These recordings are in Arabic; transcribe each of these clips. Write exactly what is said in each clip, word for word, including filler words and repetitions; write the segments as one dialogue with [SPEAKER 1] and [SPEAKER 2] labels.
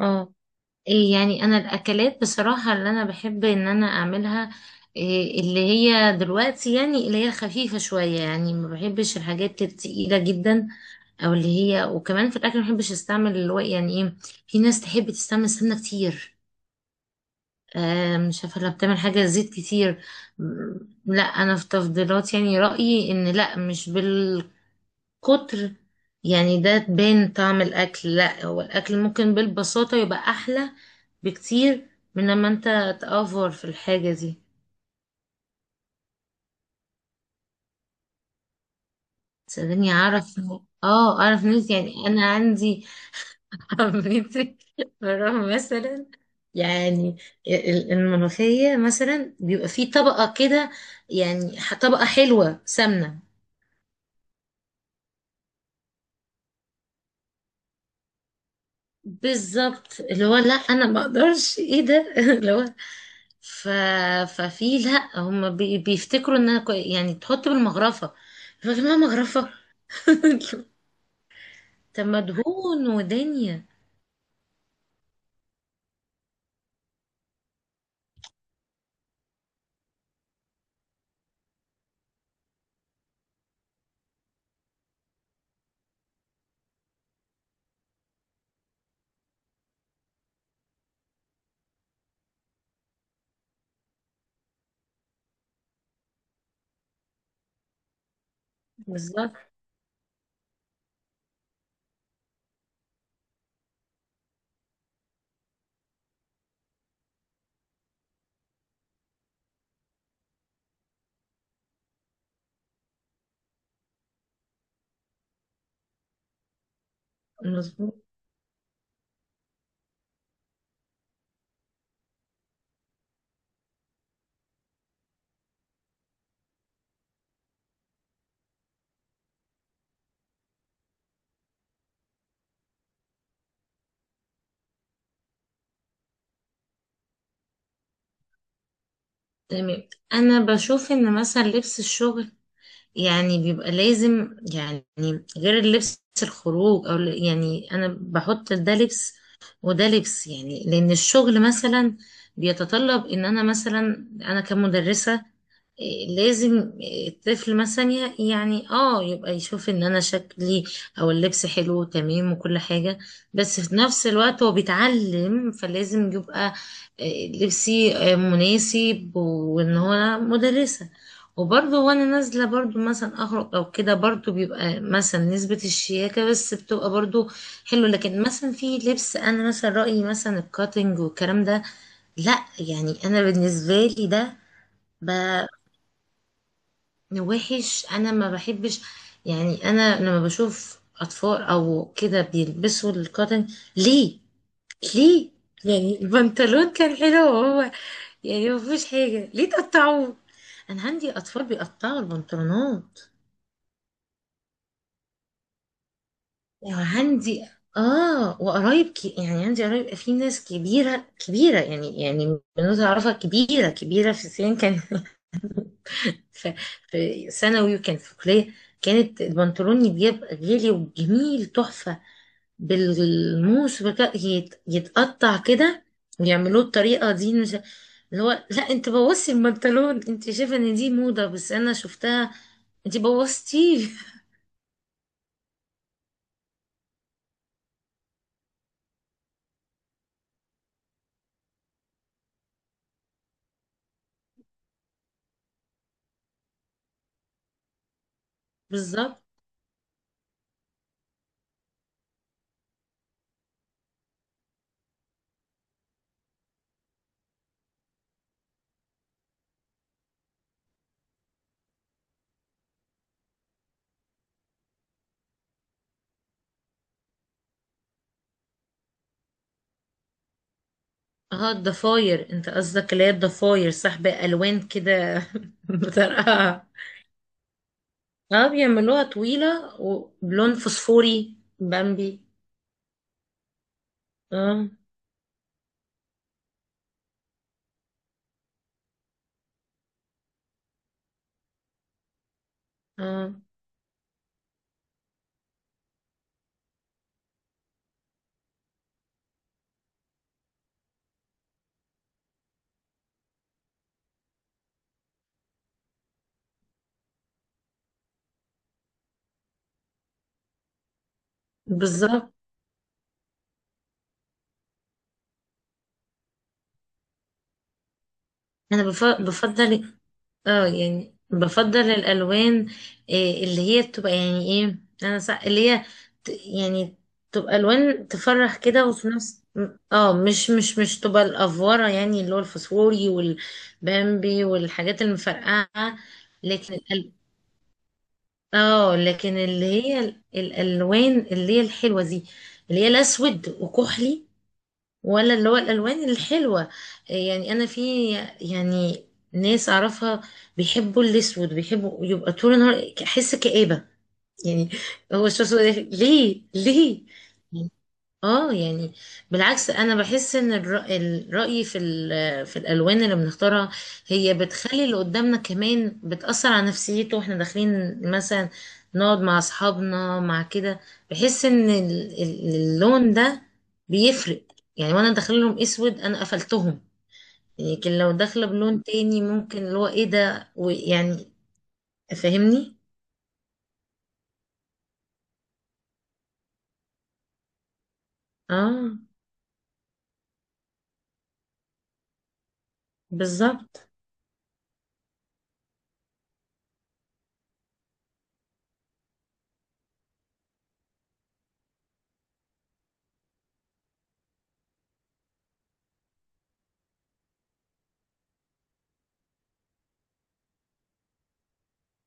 [SPEAKER 1] اه، إيه يعني انا الاكلات بصراحه اللي انا بحب ان انا اعملها إيه اللي هي دلوقتي، يعني اللي هي خفيفه شويه. يعني ما بحبش الحاجات التقيله جدا، او اللي هي. وكمان في الاكل ما بحبش استعمل اللي هو يعني ايه. في ناس تحب تستعمل سمنه كتير. آه، مش عارفه لو بتعمل حاجه زيت كتير. م- لا انا في تفضيلات، يعني رايي ان لا، مش بالقطر كتر. يعني ده تبان طعم الأكل، لا هو الأكل ممكن بالبساطة يبقى أحلى بكتير من لما أنت تأفور في الحاجة دي. تسألني أعرف، اه أعرف ناس. يعني أنا عندي عمتي مرة مثلا، يعني ال- الملوخية مثلا بيبقى فيه طبقة كده. يعني ح- طبقة حلوة سمنة. بالظبط، اللي هو لا انا ما اقدرش ايه ده اللي هو ف... ففي، لا هم بي... بيفتكروا انها كو... يعني تحط بالمغرفة، فاكر انها مغرفة. طب مدهون ودنيا. بالظبط. مظبوط. تمام، انا بشوف ان مثلا لبس الشغل يعني بيبقى لازم، يعني غير اللبس الخروج او ال- يعني انا بحط ده لبس وده لبس. يعني لان الشغل مثلا بيتطلب ان انا مثلا انا كمدرسة. إيه، لازم الطفل مثلا ي- يعني اه يبقى يشوف ان انا شكلي او اللبس حلو وتمام وكل حاجة. بس في نفس الوقت هو بيتعلم، فلازم يبقى إيه، لبسي آه، مناسب وان هو أنا مدرسة. وبرضه وانا نازله برضه مثلا اخرج او كده، برضه بيبقى مثلا نسبه الشياكه بس بتبقى برضه حلوه. لكن مثلا في لبس، انا مثلا رايي مثلا الكاتنج والكلام ده، لا. يعني انا بالنسبه لي ده ب- وحش. انا ما بحبش، يعني انا لما بشوف اطفال او كده بيلبسوا الكاتنج، ليه؟ ليه؟ يعني البنطلون كان حلو، وهو يعني ما فيهوش حاجه، ليه تقطعوه؟ انا عندي اطفال بيقطعوا البنطلونات. وعندي، اه وقرايب ك... يعني عندي قرايب في ناس كبيرة كبيرة، يعني يعني بنوتة أعرفها كبيرة كبيرة في السن، كان في, في ثانوي وكانت في كلية، كانت البنطلون يبقى غالي وجميل تحفة، بالموس بك... يت... يتقطع كده ويعملوه الطريقة دي. مش اللي هو لا، انت بوظتي البنطلون. انت شايفة ان دي موضة، بس انا شفتها انت بوظتيه. بالظبط. اه الضفاير، انت قصدك اللي هي الضفاير، صح، بألوان كده. بطرقها. اه بيعملوها طويلة وبلون فوسفوري بامبي. اه. اه. بالظبط. انا بف- بفضل، اه يعني بفضل الالوان إيه اللي هي بتبقى يعني ايه انا سا... اللي هي ت... يعني تبقى الوان تفرح كده، وفي نفس م- اه مش مش مش تبقى الافوره، يعني اللي هو الفسفوري والبامبي والحاجات المفرقعه. لكن الأل... اه لكن اللي هي ال- الالوان اللي هي الحلوه دي، اللي هي الاسود وكحلي، ولا اللي هو الالوان الحلوه. يعني انا في، يعني ناس اعرفها بيحبوا الاسود، بيحبوا يبقى طول النهار احس كآبة، يعني هو الشخص ده ليه؟ ليه؟ اه يعني بالعكس، انا بحس ان الر- الرأي في ال- في الالوان اللي بنختارها، هي بتخلي اللي قدامنا كمان بتأثر على نفسيته. واحنا داخلين مثلا نقعد مع اصحابنا مع كده، بحس ان ال- ال- اللون ده بيفرق. يعني وانا داخل لهم اسود، انا قفلتهم. لكن لو داخله بلون تاني، ممكن اللي هو ايه ده ويعني، فاهمني. اه. بالظبط.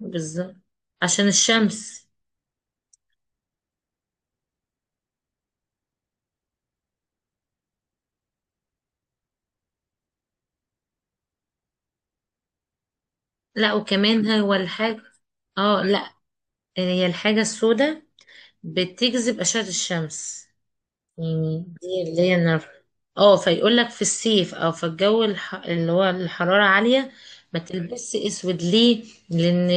[SPEAKER 1] بالظبط، عشان الشمس. لا وكمان هو الحاجة، اه لا، هي الحاجة السوداء بتجذب أشعة الشمس، يعني دي اللي هي النار. اه فيقول لك في الصيف او في الجو الح... اللي هو الحرارة عالية، ما تلبسش اسود. ليه؟ لان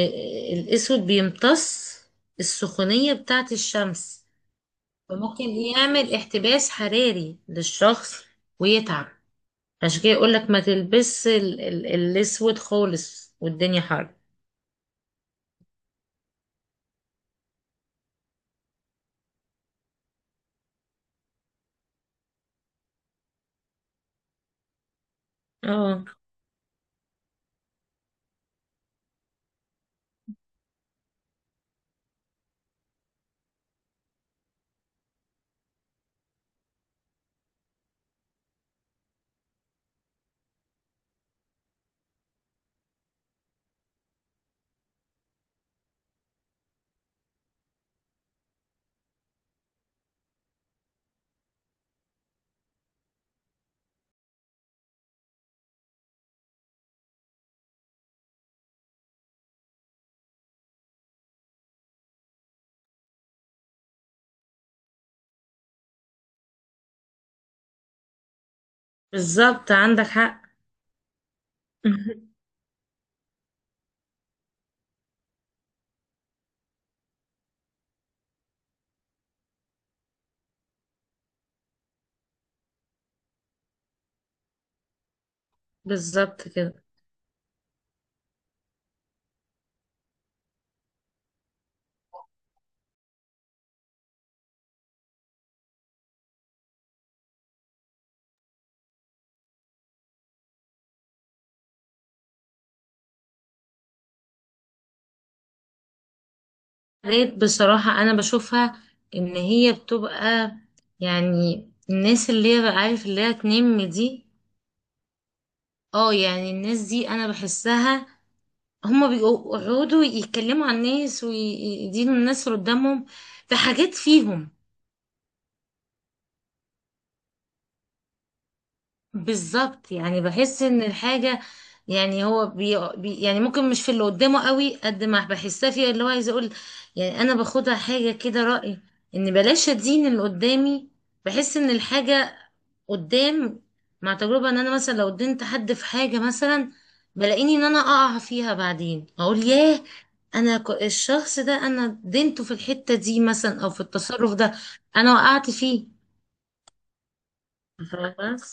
[SPEAKER 1] الاسود بيمتص السخونية بتاعة الشمس، فممكن يعمل احتباس حراري للشخص ويتعب. عشان كده يقول لك ما تلبسش ال... ال... الاسود خالص والدنيا حر. اه. بالظبط عندك حق. بالظبط كده. لقيت بصراحة أنا بشوفها إن هي بتبقى، يعني الناس اللي هي بقى عارف اللي هي تنم دي. اه يعني الناس دي أنا بحسها هما بيقعدوا يتكلموا عن الناس ويدينوا الناس اللي قدامهم في حاجات فيهم. بالظبط، يعني بحس ان الحاجة، يعني هو بي بي يعني ممكن مش في اللي قدامه قوي قد ما بحسها فيها اللي هو عايز اقول. يعني انا باخدها حاجة كده رأي، ان بلاش ادين اللي قدامي. بحس ان الحاجة قدام، مع تجربة ان انا مثلا لو دينت حد في حاجة مثلا، بلاقيني ان انا اقع فيها بعدين اقول ياه، انا ك- الشخص ده انا دينته في الحتة دي مثلا او في التصرف ده، انا وقعت فيه. فاهمة؟